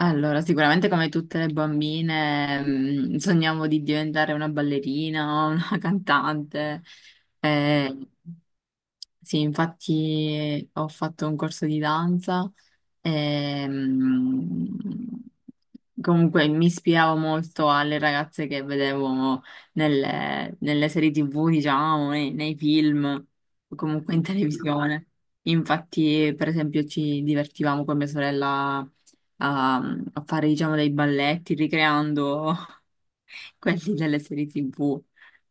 Allora, sicuramente come tutte le bambine, sogniamo di diventare una ballerina, o una cantante. Eh, sì, infatti ho fatto un corso di danza. Ehm, Comunque mi ispiravo molto alle ragazze che vedevo nelle serie TV, diciamo, nei film, o comunque in televisione. Infatti, per esempio, ci divertivamo con mia sorella a fare, diciamo, dei balletti ricreando quelli delle serie TV.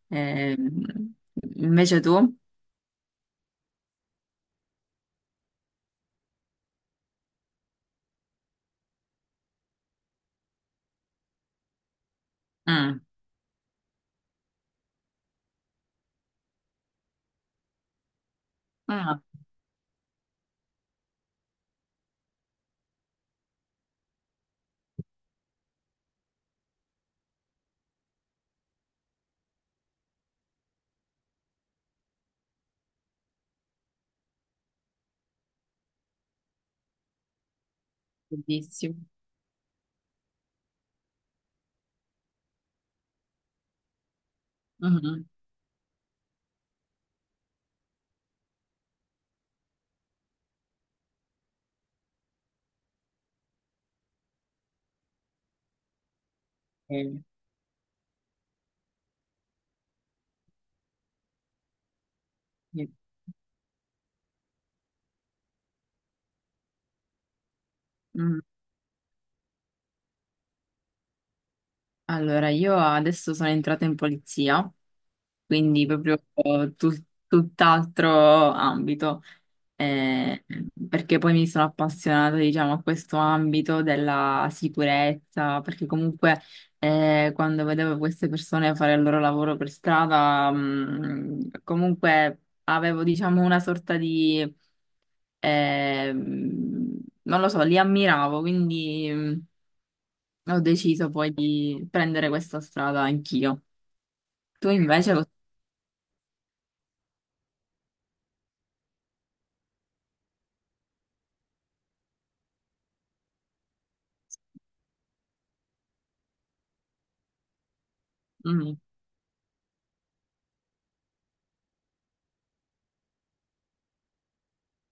Ehm, Invece tu? Mm. Ah, bellissimo. Mhm. Eh, sì. Allora, io adesso sono entrata in polizia, quindi proprio tutt'altro ambito, eh, perché poi mi sono appassionata, diciamo, a questo ambito della sicurezza, perché comunque quando vedevo queste persone fare il loro lavoro per strada, comunque avevo, diciamo, una sorta di... non lo so, li ammiravo, quindi ho deciso poi di prendere questa strada anch'io. Tu invece lo... Mm,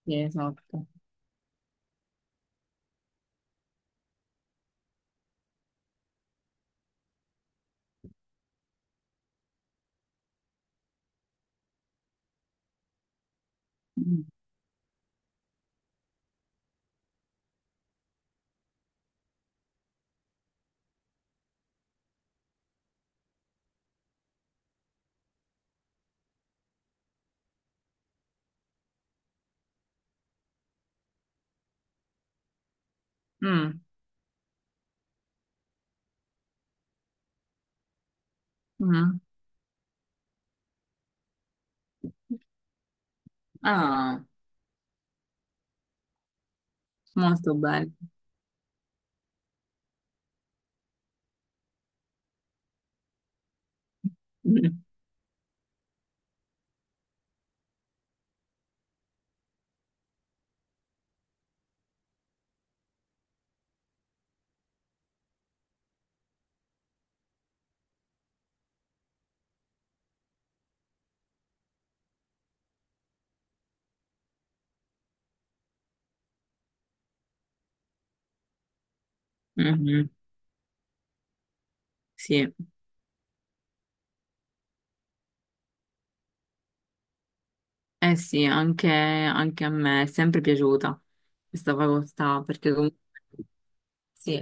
sì, esatto. Mm, mm, mm. Ah, molto bello. Mm, mhm, sì, eh sì, anche a me è sempre piaciuta questa facoltà, perché comunque... Sì.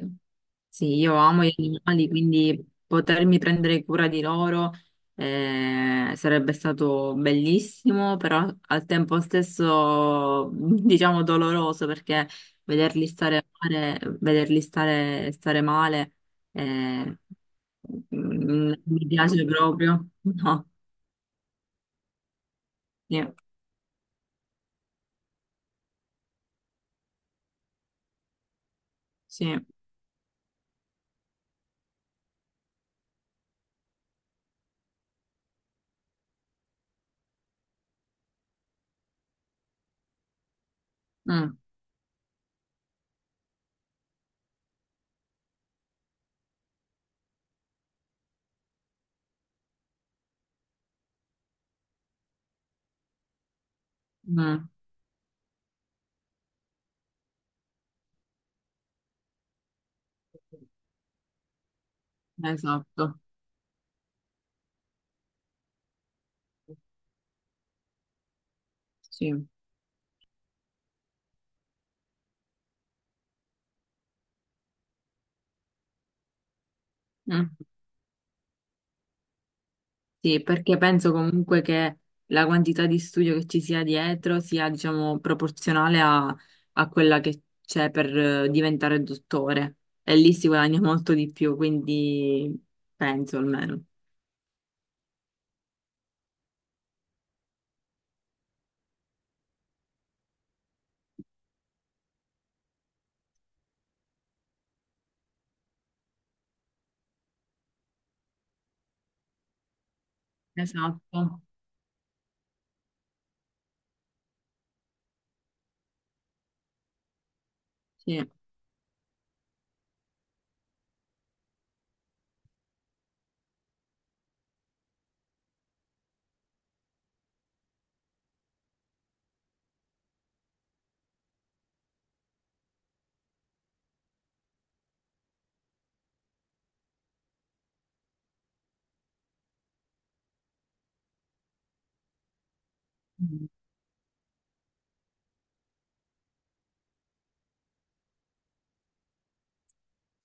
Sì, io amo gli animali, quindi potermi prendere cura di loro sarebbe stato bellissimo, però al tempo stesso, diciamo, doloroso perché vederli stare male, vederli stare male. eh, Mi piace proprio. No, sì, sì. Mm, mm, esatto. Sì. Mm. Sì, perché penso comunque che la quantità di studio che ci sia dietro sia, diciamo, proporzionale a, a quella che c'è per diventare dottore. E lì si guadagna molto di più, quindi penso almeno. Esatto. Sì. Mm,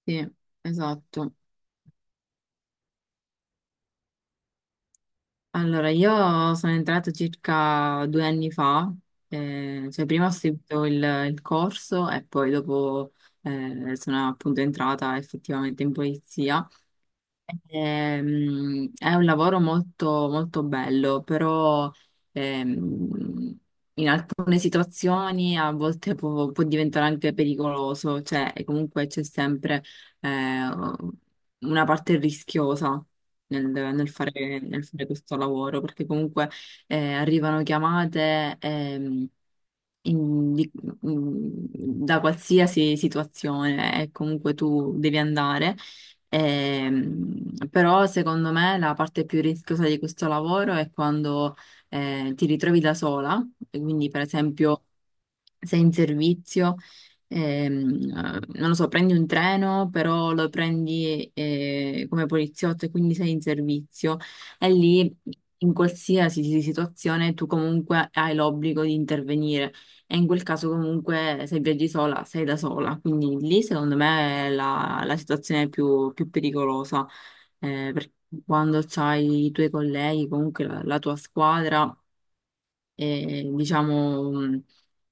sì, esatto. Allora, io sono entrata circa due anni fa, cioè prima ho seguito il corso e poi dopo sono appunto entrata effettivamente in polizia. È un lavoro molto, molto bello, però ehm, alcune situazioni a volte può diventare anche pericoloso, cioè e comunque c'è sempre eh, una parte rischiosa nel fare questo lavoro, perché comunque arrivano chiamate. In- di- mm, Da qualsiasi situazione e comunque tu devi andare. Però secondo me la parte più rischiosa di questo lavoro è quando ti ritrovi da sola, e quindi per esempio sei in servizio, ehm, non lo so, prendi un treno, però lo prendi come poliziotto e quindi sei in servizio e lì in qualsiasi situazione tu comunque hai l'obbligo di intervenire. E in quel caso comunque se viaggi sola sei da sola, quindi lì secondo me è la situazione più pericolosa, perché quando c'hai i tuoi colleghi, comunque la tua squadra, diciamo,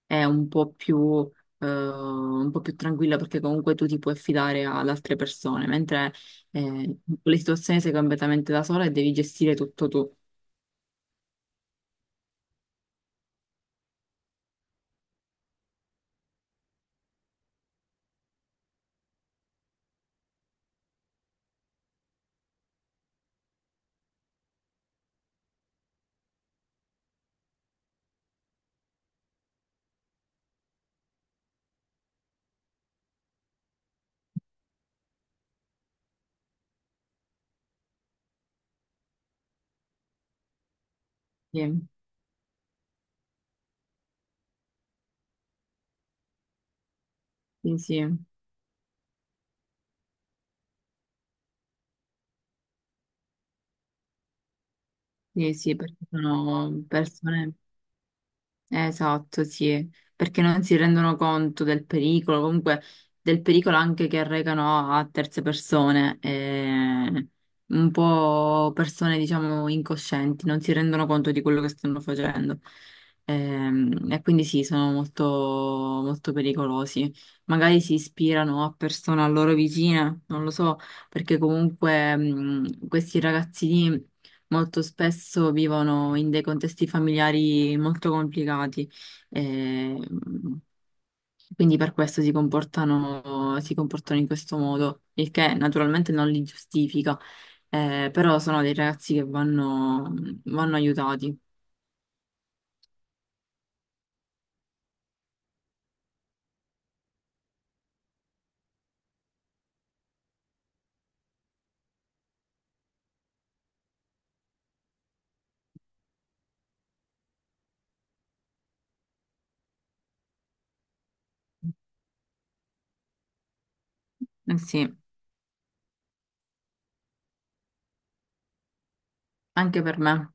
è un po' più tranquilla perché comunque tu ti puoi affidare ad altre persone, mentre eh, le situazioni sei completamente da sola e devi gestire tutto tu. Sì, sì, sì, sì, sì, perché sono persone... esatto, sì, perché non si rendono conto del pericolo, comunque del pericolo anche che arrecano a terze persone, un po' persone diciamo incoscienti, non si rendono conto di quello che stanno facendo. E, quindi sì, sono molto, molto pericolosi. Magari si ispirano a persone a loro vicine, non lo so, perché comunque questi ragazzini molto spesso vivono in dei contesti familiari molto complicati, eh, quindi per questo si comportano in questo modo, il che naturalmente non li giustifica, però sono dei ragazzi che vanno aiutati. Eh sì, anche per me.